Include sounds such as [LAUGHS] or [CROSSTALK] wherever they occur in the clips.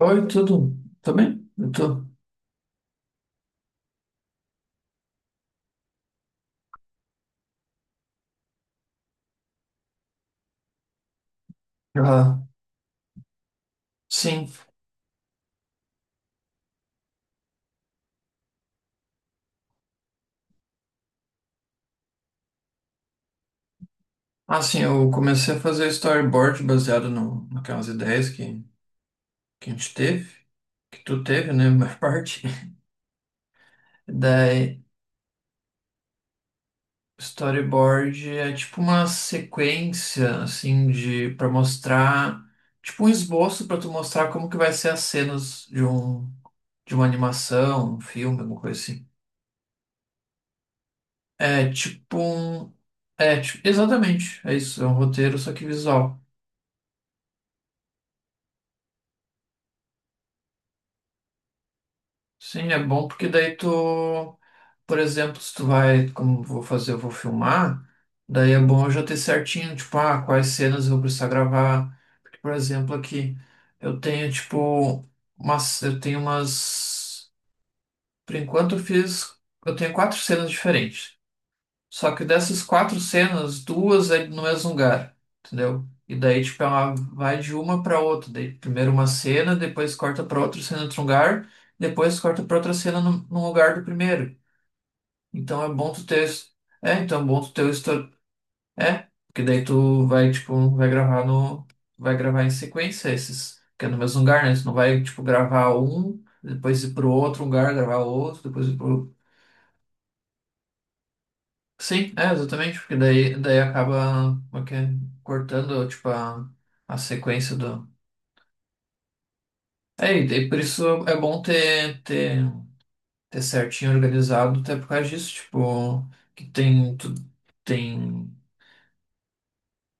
Oi, tudo? Tá bem? Eu tô. Ah, sim. Ah, sim, eu comecei a fazer storyboard baseado no, naquelas ideias que a gente teve, que tu teve, né, [LAUGHS] a maior parte. [LAUGHS] Daí, storyboard é tipo uma sequência, assim, de para mostrar, tipo um esboço para tu mostrar como que vai ser as cenas de uma animação, um filme, alguma coisa assim. É tipo um, tipo, exatamente, é isso, é um roteiro só que visual. Sim, é bom porque daí tu, por exemplo, se tu vai, como eu vou fazer, eu vou filmar, daí é bom eu já ter certinho, tipo, quais cenas eu vou precisar gravar. Porque, por exemplo, aqui eu tenho, tipo, umas, eu tenho umas, por enquanto eu fiz, eu tenho quatro cenas diferentes. Só que dessas quatro cenas, duas é no mesmo lugar, entendeu? E daí, tipo, ela vai de uma pra outra. Daí, primeiro uma cena, depois corta pra outra cena em outro lugar, depois corta pra outra cena no lugar do primeiro. Então é bom tu ter. É, então é bom tu ter o histórico. É, porque daí tu vai, tipo, vai gravar no. Vai gravar em sequência esses. Que é no mesmo lugar, né? Tu não vai, tipo, gravar um, depois ir pro outro lugar, gravar outro, depois ir pro. Sim, é, exatamente, porque daí acaba ok, cortando, tipo, a sequência do... É, e daí por isso é bom ter, ter certinho organizado, até por causa disso, tipo, que tem,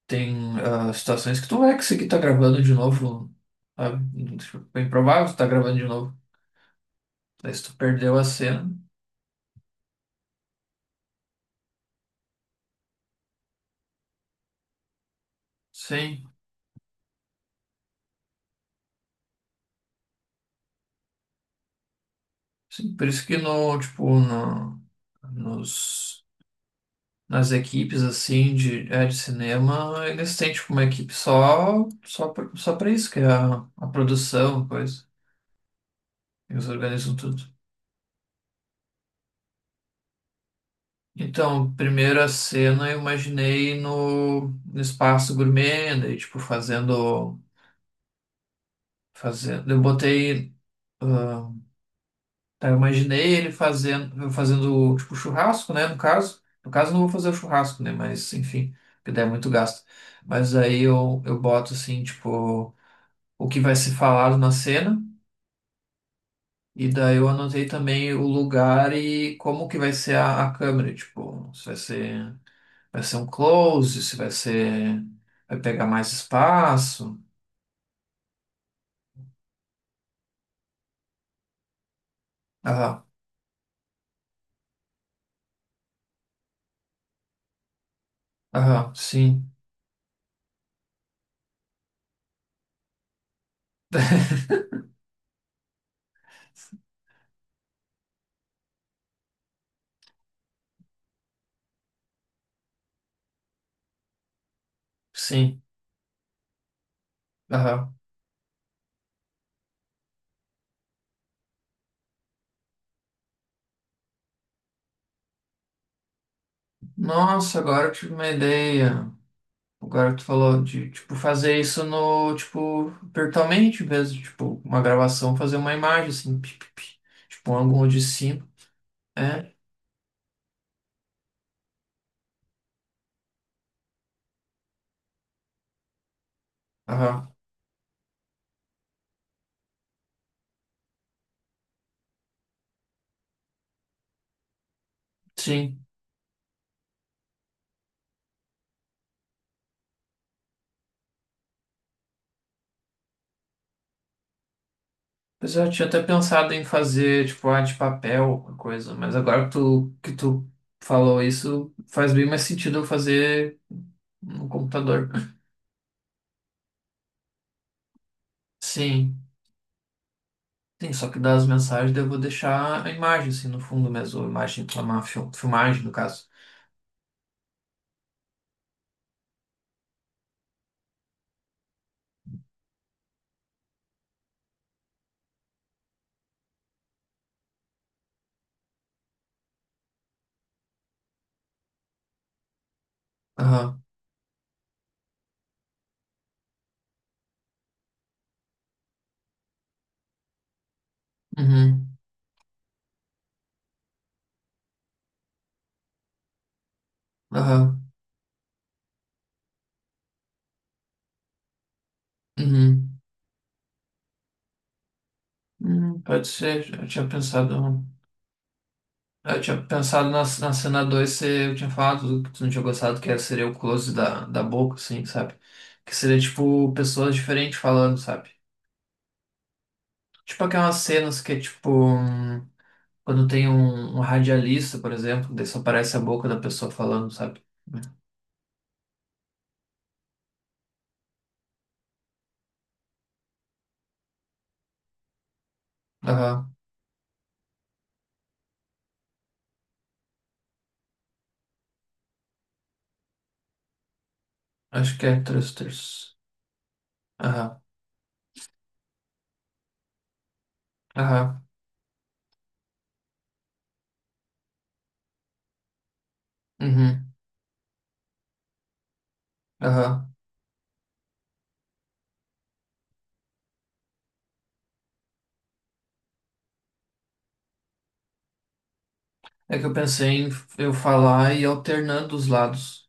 tem situações que tu vai conseguir tá gravando de novo, sabe? Tipo, é bem provável que tu tá gravando de novo, daí se tu perdeu a cena, sim, sim, por isso que no, tipo, no, nos... nas equipes assim de cinema, eles têm tipo uma equipe só para isso, que é a produção, coisa. Eles organizam tudo. Então, primeira cena eu imaginei no espaço gourmet, daí tipo fazendo, eu botei ah, tá, eu imaginei ele fazendo tipo churrasco, né, no caso. No caso, eu não vou fazer o churrasco, né? Mas, enfim, que daí é muito gasto. Mas aí eu boto assim, tipo, o que vai ser falado na cena. E daí eu anotei também o lugar e como que vai ser a câmera, tipo, se vai ser, vai ser um close, se vai ser, vai pegar mais espaço. Aham, aham, sim, [LAUGHS] sim, aham. Nossa, agora eu tive uma ideia. Agora que tu falou de, tipo, fazer isso no, tipo, virtualmente mesmo, tipo, uma gravação, fazer uma imagem, assim, pi, pi, pi, tipo, um ângulo de cima. É, aham, sim. Pois é, eu tinha até pensado em fazer, tipo, arte de papel, uma coisa, mas agora que tu falou isso, faz bem mais sentido eu fazer no computador. Sim, sim, só que das mensagens daí eu vou deixar a imagem, assim, no fundo mesmo, a imagem, uma filmagem, no caso. Aham, uhum, aham, uhum, uhum, pode ser, eu tinha pensado. Eu tinha pensado na cena 2 eu tinha falado que tu não tinha gostado, seria o close da boca, assim, sabe? Que seria, tipo, pessoas diferentes falando, sabe? Tipo aquelas cenas que é, tipo, quando tem um radialista, por exemplo, daí só aparece a boca da pessoa falando, sabe? Aham, acho que é thrusters. Aham, aham, uhum, aham. É que eu pensei em eu falar e ir alternando os lados.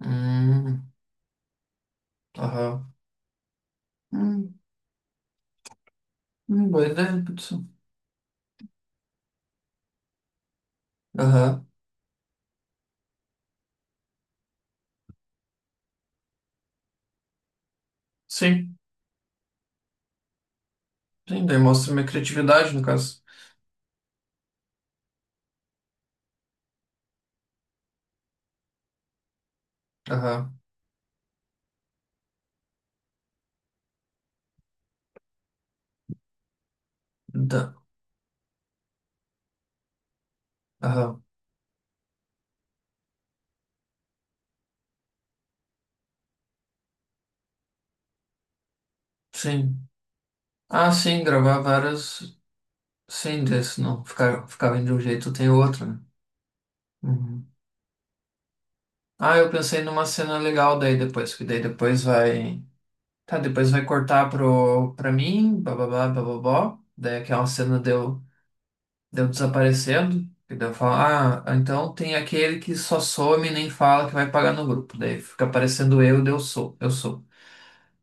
Hum, aham. Hum, boa ideia, Hudson. Aham, sim. Sim, daí mostra minha criatividade, no caso. Aham. Da- Aham. Sim. Ah, sim, gravar várias. Sim, desse não. Ficava de um jeito, tem outro, né? Uhum. Ah, eu pensei numa cena legal daí depois, que daí depois vai. Tá, depois vai cortar pro, pra mim, bababá, bababó. Daí aquela cena deu, desaparecendo. E daí eu falo, então tem aquele que só some e nem fala que vai pagar no grupo. Daí fica aparecendo eu, daí eu sou, eu sou.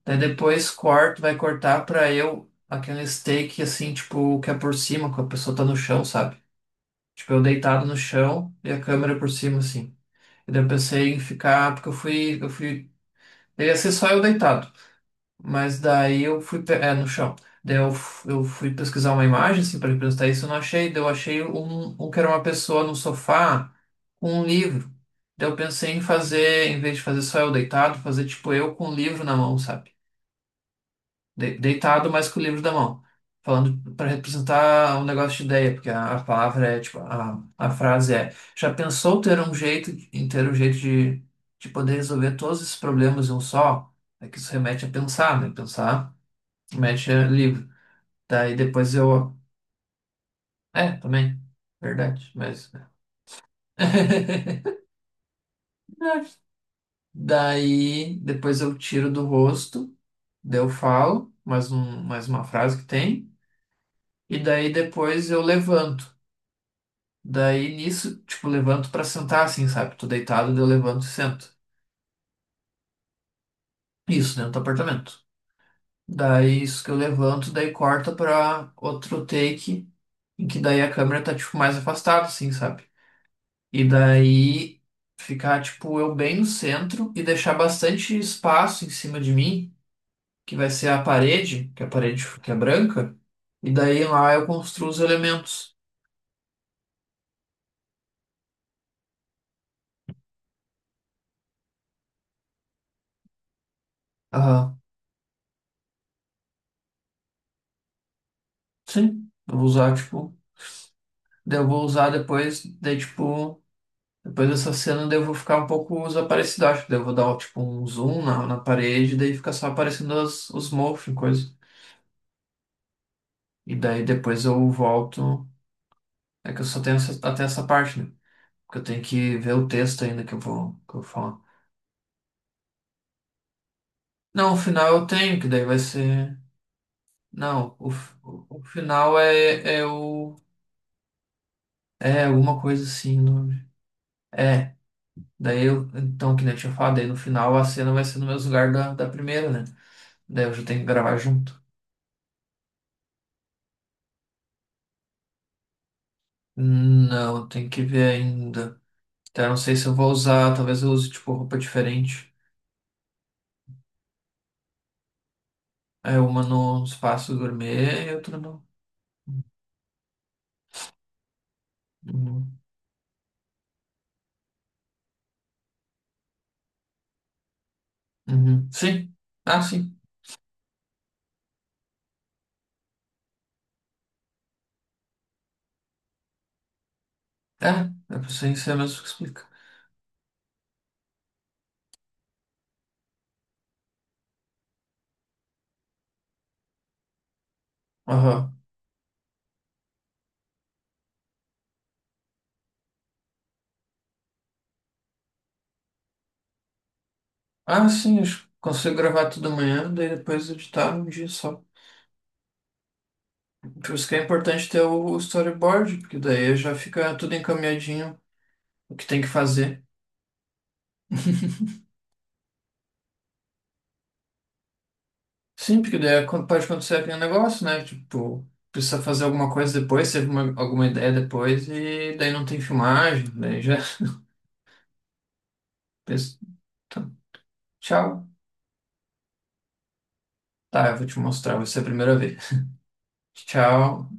Daí depois corto, vai cortar pra eu aquele steak assim, tipo, que é por cima, que a pessoa tá no chão, sabe? Tipo, eu deitado no chão e a câmera por cima, assim. E daí eu pensei em ficar, porque eu fui, eu fui. Ia ser só eu deitado. Mas daí eu fui, no chão. Daí eu fui pesquisar uma imagem, assim, pra representar isso, eu não achei. Daí eu achei um, que era uma pessoa no sofá com um livro. Daí eu pensei em fazer, em vez de fazer só eu deitado, fazer tipo eu com um livro na mão, sabe? Deitado, mas com o livro da mão, falando para representar um negócio de ideia, porque a palavra é tipo, a frase é: já pensou ter um jeito, em ter um jeito de poder resolver todos esses problemas em um só? É que isso remete a pensar, né? Pensar remete a livro. Daí depois eu. É, também. Verdade, mas. [LAUGHS] Verdade. Daí depois eu tiro do rosto, daí eu falo mais uma frase que tem, e daí depois eu levanto. Daí nisso, tipo, levanto pra sentar assim, sabe? Tô deitado, daí eu levanto e sento. Isso, dentro do apartamento. Daí isso que eu levanto, daí corta pra outro take, em que daí a câmera tá, tipo, mais afastada, assim, sabe? E daí ficar, tipo, eu bem no centro e deixar bastante espaço em cima de mim, que vai ser a parede, que é a parede que é branca. E daí lá eu construo os elementos. Aham. Sim. Eu vou usar, tipo. Daí eu vou usar depois, daí, tipo. Depois dessa cena, daí eu vou ficar um pouco desaparecido, acho. Daí eu vou dar, tipo, um zoom na parede, daí fica só aparecendo os morphs e coisa. E daí depois eu volto. É que eu só tenho até essa parte, né? Porque eu tenho que ver o texto ainda que eu vou falar. Não, o final eu tenho, que daí vai ser. Não, o final é o. É alguma coisa assim. É, daí eu. Então, que nem eu tinha falado, daí no final a cena vai ser no mesmo lugar da primeira, né? Daí eu já tenho que gravar junto. Não, tem que ver ainda. Então, não sei se eu vou usar. Talvez eu use, tipo, roupa diferente. É uma no espaço gourmet e outra no. no- Uhum. Sim. Ah, sim. É pra você isso é mesmo que explica. Aham. Ah, sim, eu consigo gravar tudo amanhã, daí depois editar um dia só. Por isso que é importante ter o storyboard, porque daí já fica tudo encaminhadinho, o que tem que fazer. Sim, porque daí pode acontecer aquele negócio, né? Tipo, precisa fazer alguma coisa depois, teve alguma ideia depois, e daí não tem filmagem, daí já [LAUGHS] pensa, "Tá, tchau. Tá, eu vou te mostrar, vai ser a primeira vez. Tchau.